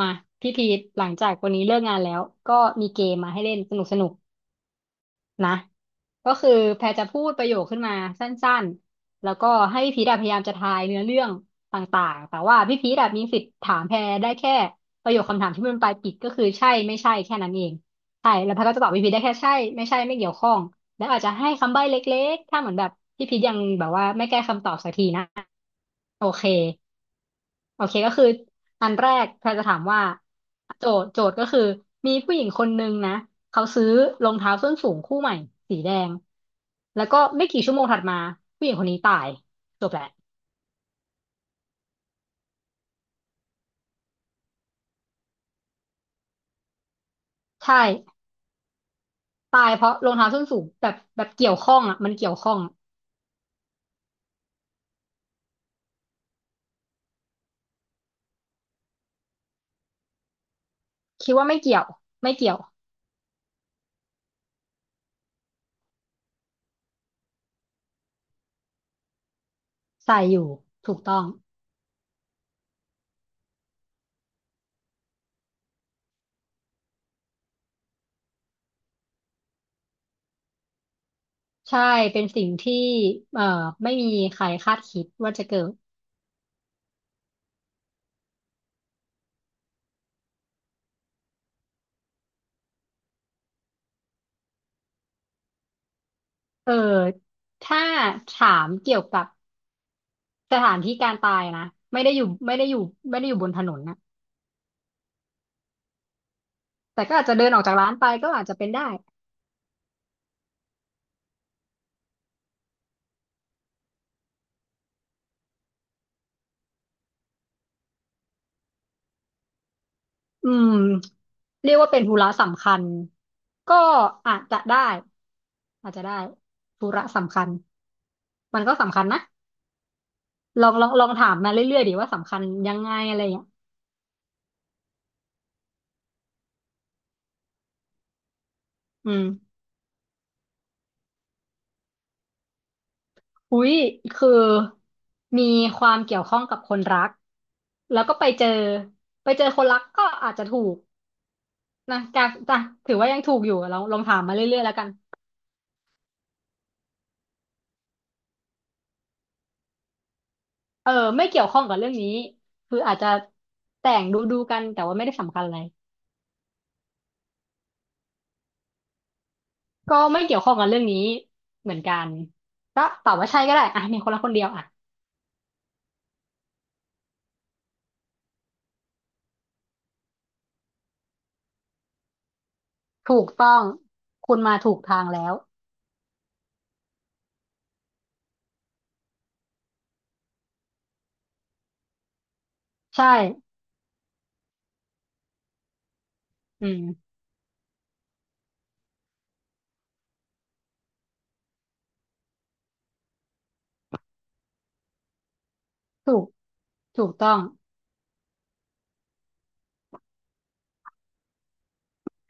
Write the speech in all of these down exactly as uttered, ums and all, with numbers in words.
มาพี่พีทหลังจากวันนี้เลิกงานแล้วก็มีเกมมาให้เล่นสนุกสนุกนะก็คือแพรจะพูดประโยคขึ้นมาสั้นๆแล้วก็ให้พี่พีทอะพยายามจะทายเนื้อเรื่องต่างๆแต่ว่าพี่พีทอะมีสิทธิ์ถามแพรได้แค่ประโยคคำถามที่มันปลายปิดก็คือใช่ไม่ใช่แค่นั้นเองใช่แล้วแพรก็จะตอบพี่พีทได้แค่ใช่ไม่ใช่ไม่เกี่ยวข้องแล้วอาจจะให้คำใบ้เล็กๆถ้าเหมือนแบบพี่พีทยังแบบว่าไม่แก้คำตอบสักทีนะโอเค โอเคก็คืออันแรกแพรจะถามว่าโจทย์โจทย์ก็คือมีผู้หญิงคนนึงนะเขาซื้อรองเท้าส้นสูงคู่ใหม่สีแดงแล้วก็ไม่กี่ชั่วโมงถัดมาผู้หญิงคนนี้ตายจบแหละใช่ตายเพราะรองเท้าส้นสูงแบบแบบเกี่ยวข้องอ่ะมันเกี่ยวข้องคิดว่าไม่เกี่ยวไม่เกี่ยวใส่อยู่ถูกต้องใช่เป็นสิ่งที่เอ่อไม่มีใครคาดคิดว่าจะเกิดเออถ้าถามเกี่ยวกับ สถานที่การตายนะไม่ได้อยู่ไม่ได้อยู่ไม่ได้อยู่บนถนนนะแต่ก็อาจจะเดินออกจากร้านไปก็อาจจะเป็นได้อืมเรียกว่าเป็นธุระสำคัญก็อาจจะได้อาจจะได้ธุระสำคัญมันก็สำคัญนะลองลองลองถามมาเรื่อยๆดีว่าสำคัญยังไงอะไรอย่างเงี้ยอืมอุ้ยคือมีความเกี่ยวข้องกับคนรักแล้วก็ไปเจอไปเจอคนรักก็อาจจะถูกนะการจ้ะถือว่ายังถูกอยู่ลองลองถามมาเรื่อยๆแล้วกัน เออไม่เกี่ยวข้องกับเรื่องนี้คืออาจจะแต่งดูดูกันแต่ว่าไม่ได้สำคัญอะไรก็ไม่เกี่ยวข้องกับเรื่องนี้เหมือนกันก็ตอบว่าใช่ก็ได้อ่ะมีคนละคนเดียวอ่ะถูกต้องคุณมาถูกทางแล้วใช่อืมถูกถูกต้อง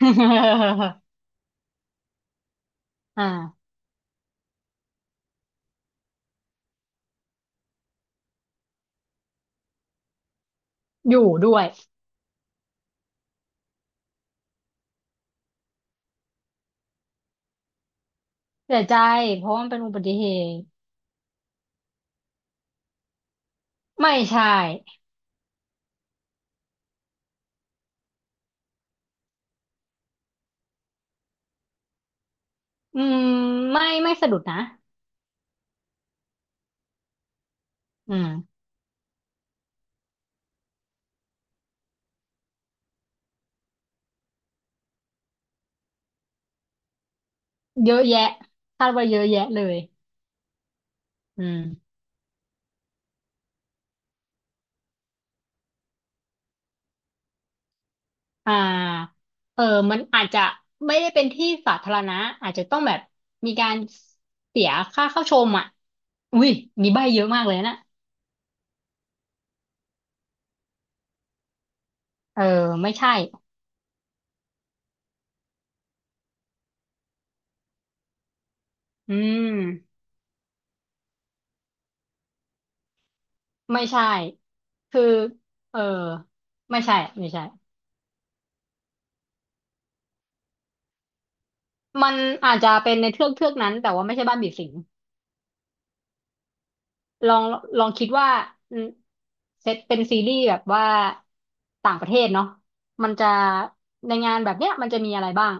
อ่าอยู่ด้วยเสียใจเพราะว่ามันเป็นอุบัติเหตุไม่ใช่อืมไม่ไม่สะดุดนะอืมเยอะแยะคาดว่าเยอะแยะเลยอืม อ่าเออมันอาจจะไม่ได้เป็นที่สาธารณะอาจจะต้องแบบมีการเสียค่าเข้าชมอ่ะอุ้ยนี่ใบ้เยอะมากเลยนะเออไม่ใช่อืมไม่ใช่คือเออไม่ใช่ไม่ใช่มันอาจจะเป็นในเทือกเทือกนั้นแต่ว่าไม่ใช่บ้านผีสิงลองลองคิดว่าอืมเซตเป็นซีรีส์แบบว่าต่างประเทศเนาะมันจะในงานแบบเนี้ยมันจะมีอะไรบ้าง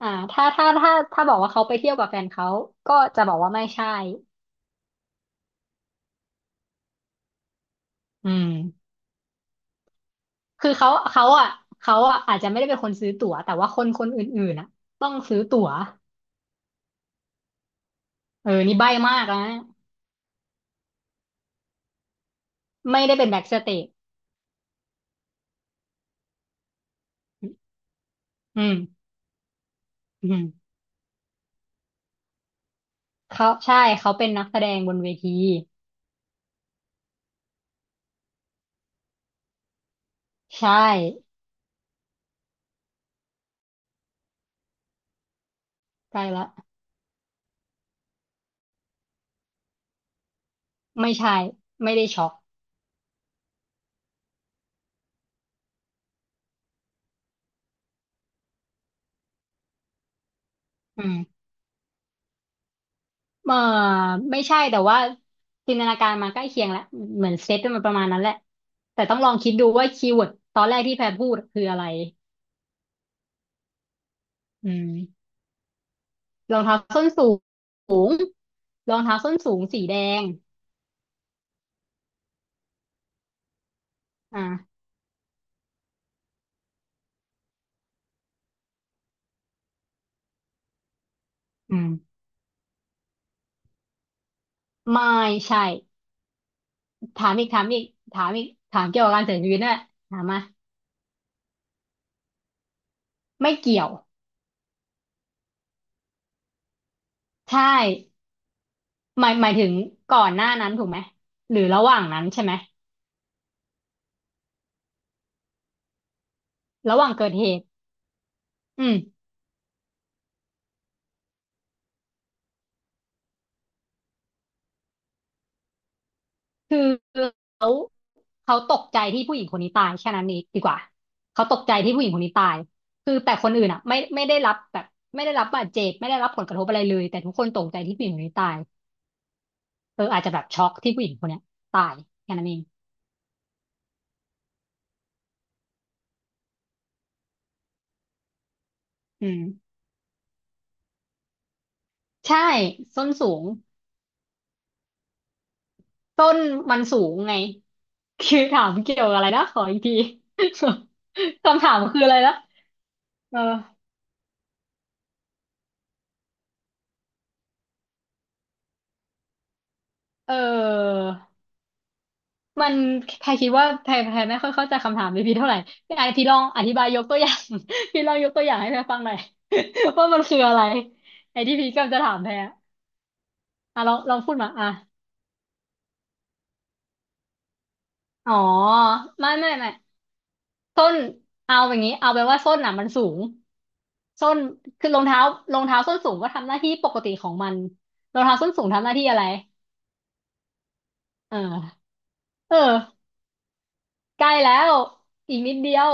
อ่าถ้าถ้าถ้าถ้าบอกว่าเขาไปเที่ยวกับแฟนเขาก็จะบอกว่าไม่ใช่อืมคือเขาเขาอ่ะเขาอ่ะอาจจะไม่ได้เป็นคนซื้อตั๋วแต่ว่าคนคนอื่นๆอ่ะต้องซื้อตั๋วเออนี่ใบ้มากนะไม่ได้เป็นแบ็กสเตจอืมอืมเขาใช่เขาเป็นนักแสดงบนเวทีใช่ใช้ละไม่ใช่ไม่ได้ช็อกอืม เออไม่ใช่แต่ว่าจินตนาการมันใกล้เคียงแหละเหมือนเซตมันประมาณนั้นแหละแต่ต้องลองคิดดูว่าคีย์เวิร์ดตอนแรกที่แพรพูดคืออะไรอืมรองเท้าส้นสูงรองเท้าส้นสูงสีแดงอ่าอืมไม่ใช่ถามอีกถามอีกถามอีกถามเกี่ยวกับการเสียชีวิตน่นแหละถามมาไม่เกี่ยวใช่หมายหมายถึงก่อนหน้านั้นถูกไหมหรือระหว่างนั้นใช่ไหมระหว่างเกิดเหตุอืมคือเขา เขาตกใจที่ผู้หญิงคนนี้ตายแค่นั้นเองดีกว่าเขาตกใจที่ผู้หญิงคนนี้ตายคือแต่คนอื่นอ่ะไม่ไม่ได้รับแบบไม่ได้รับบาดเจ็บไม่ได้รับผลกระทบอะไรเลยแต่ทุกคนตกใจที่ผู้หญิงคนนี้ตายเอออาจจะแบบช็อกที่ผู้หญิงคนเนี้ยตายแค่นั้นเองอืมใช่ส้นสูงต้นมันสูงไงคือถามเกี่ยวกับอะไรนะขออีกที คำถามคืออะไรนะเออเออ มันแพรคิดว่าแพรแพรไม่ค่อยเข้าใจคำถามพี่พีเท่าไหร่พี่ไอพี่ลองอธิบายยกตัวอย่าง พี่ลองยกตัวอย่างให้แพรฟังหน่อย ว่ามันคืออะไรไอที่พี่กำลังจะถามแพรอะอ่ะลองลองพูดมาอ่ะอ๋อไม่ไม่ไม่ส้นเอาอย่างนี้เอาแปลว่าส้นน่ะมันสูงส้นคือรองเท้ารองเท้าส้นสูงก็ทำหน้าที่ปกติของมันรองเท้าส้นสูงทำหน้าที่อะไรเออเออใกล้แล้วอีกนิดเดียว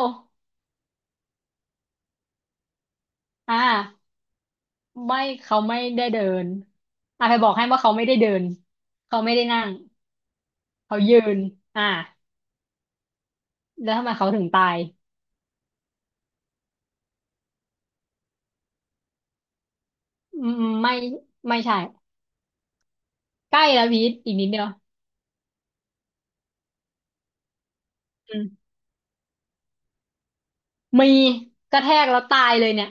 อ่า ไม่เขาไม่ได้เดินอ่ะไปบอกให้ว่าเขาไม่ได้เดินเขาไม่ได้นั่งเขายืนอ่ะแล้วทำไมเขาถึงตายอืมไม่ไม่ใช่ใกล้แล้วพีทอีกนิดเดียวอืมมีกระแทกแล้วตายเลยเนี่ย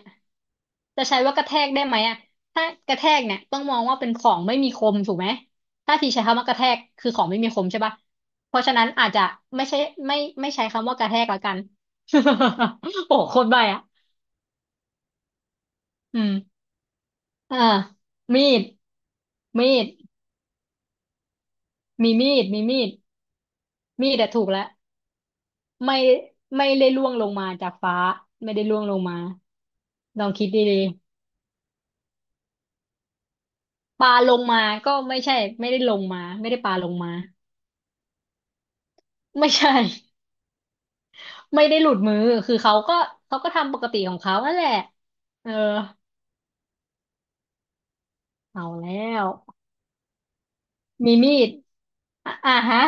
จะใช้ว่ากระแทกได้ไหมอ่ะถ้ากระแทกเนี่ยต้องมองว่าเป็นของไม่มีคมถูกไหมถ้าทีใช้คำว่ากระแทกคือของไม่มีคมใช่ปะเพราะฉะนั้นอาจจะไม่ใช่ไม่ไม่ใช้คำว่ากระแทกแล้วกัน โอ้โหโคตรใบ้อ่ะอืม อ่ามีดมีดมีมีดมีมีดมีดอะถูกแล้วไม่ไม่ได้ล่วงลงมาจากฟ้าไม่ได้ล่วงลงมาลองคิดดีๆปลาลงมาก็ไม่ใช่ไม่ได้ลงมาไม่ได้ปลาลงมาไม่ใช่ ไม่ได้หลุดมือคือเขาก็เขาก็ทำปกติของเขานั่นแหละเออเอาแล้วมีมีดอ่ะอ่ะฮะ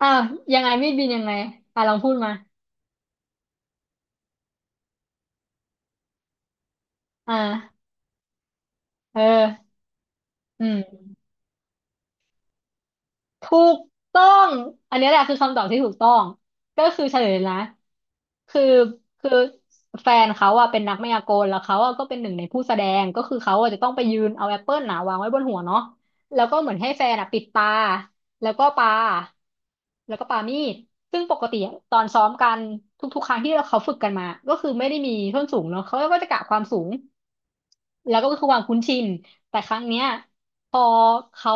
อ้าวยังไงมีดบินยังไงอ่ะลองพูดมาอ่าเอออืม ถูกต้อง อันนี้แหละคือคำตอบที่ถูกต้องก็คือเฉลยนะคือคือแฟนเขาอะเป็นนักมายากลแล้วเขาอะก็เป็นหนึ่งในผู้แสดงก็คือเขาอะจะต้องไปยืนเอาแอปเปิลหนาวางไว้บนหัวเนาะแล้วก็เหมือนให้แฟนอะปิดตาแล้วก็ปาแล้วก็ปามีดซึ่งปกติอะตอนซ้อมกันทุกๆครั้งที่เราเขาฝึกกันมา ก็คือไม่ได้มีส้นสูงเนาะเขาก็จะกะความสูงแล้วก็คือความคุ้นชินแต่ครั้งเนี้ย พอเขา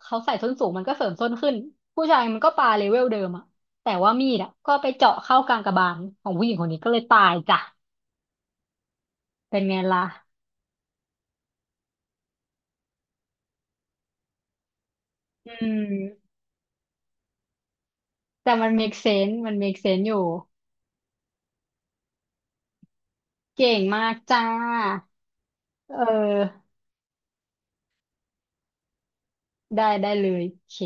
เขาใส่ส้นสูงมันก็เสริมส้นขึ้นผู้ชายมันก็ปาเลเวลเดิมอะแต่ว่ามีดอะก็ไปเจาะเข้ากลางกระบาลของผู้หญิงคนนี้ก็เลยตายจ้ะเป็นไงล่ะอืมแต่มัน make sense มัน make sense อยู่เก่งมากจ้าเออได้ได้เลยโอเค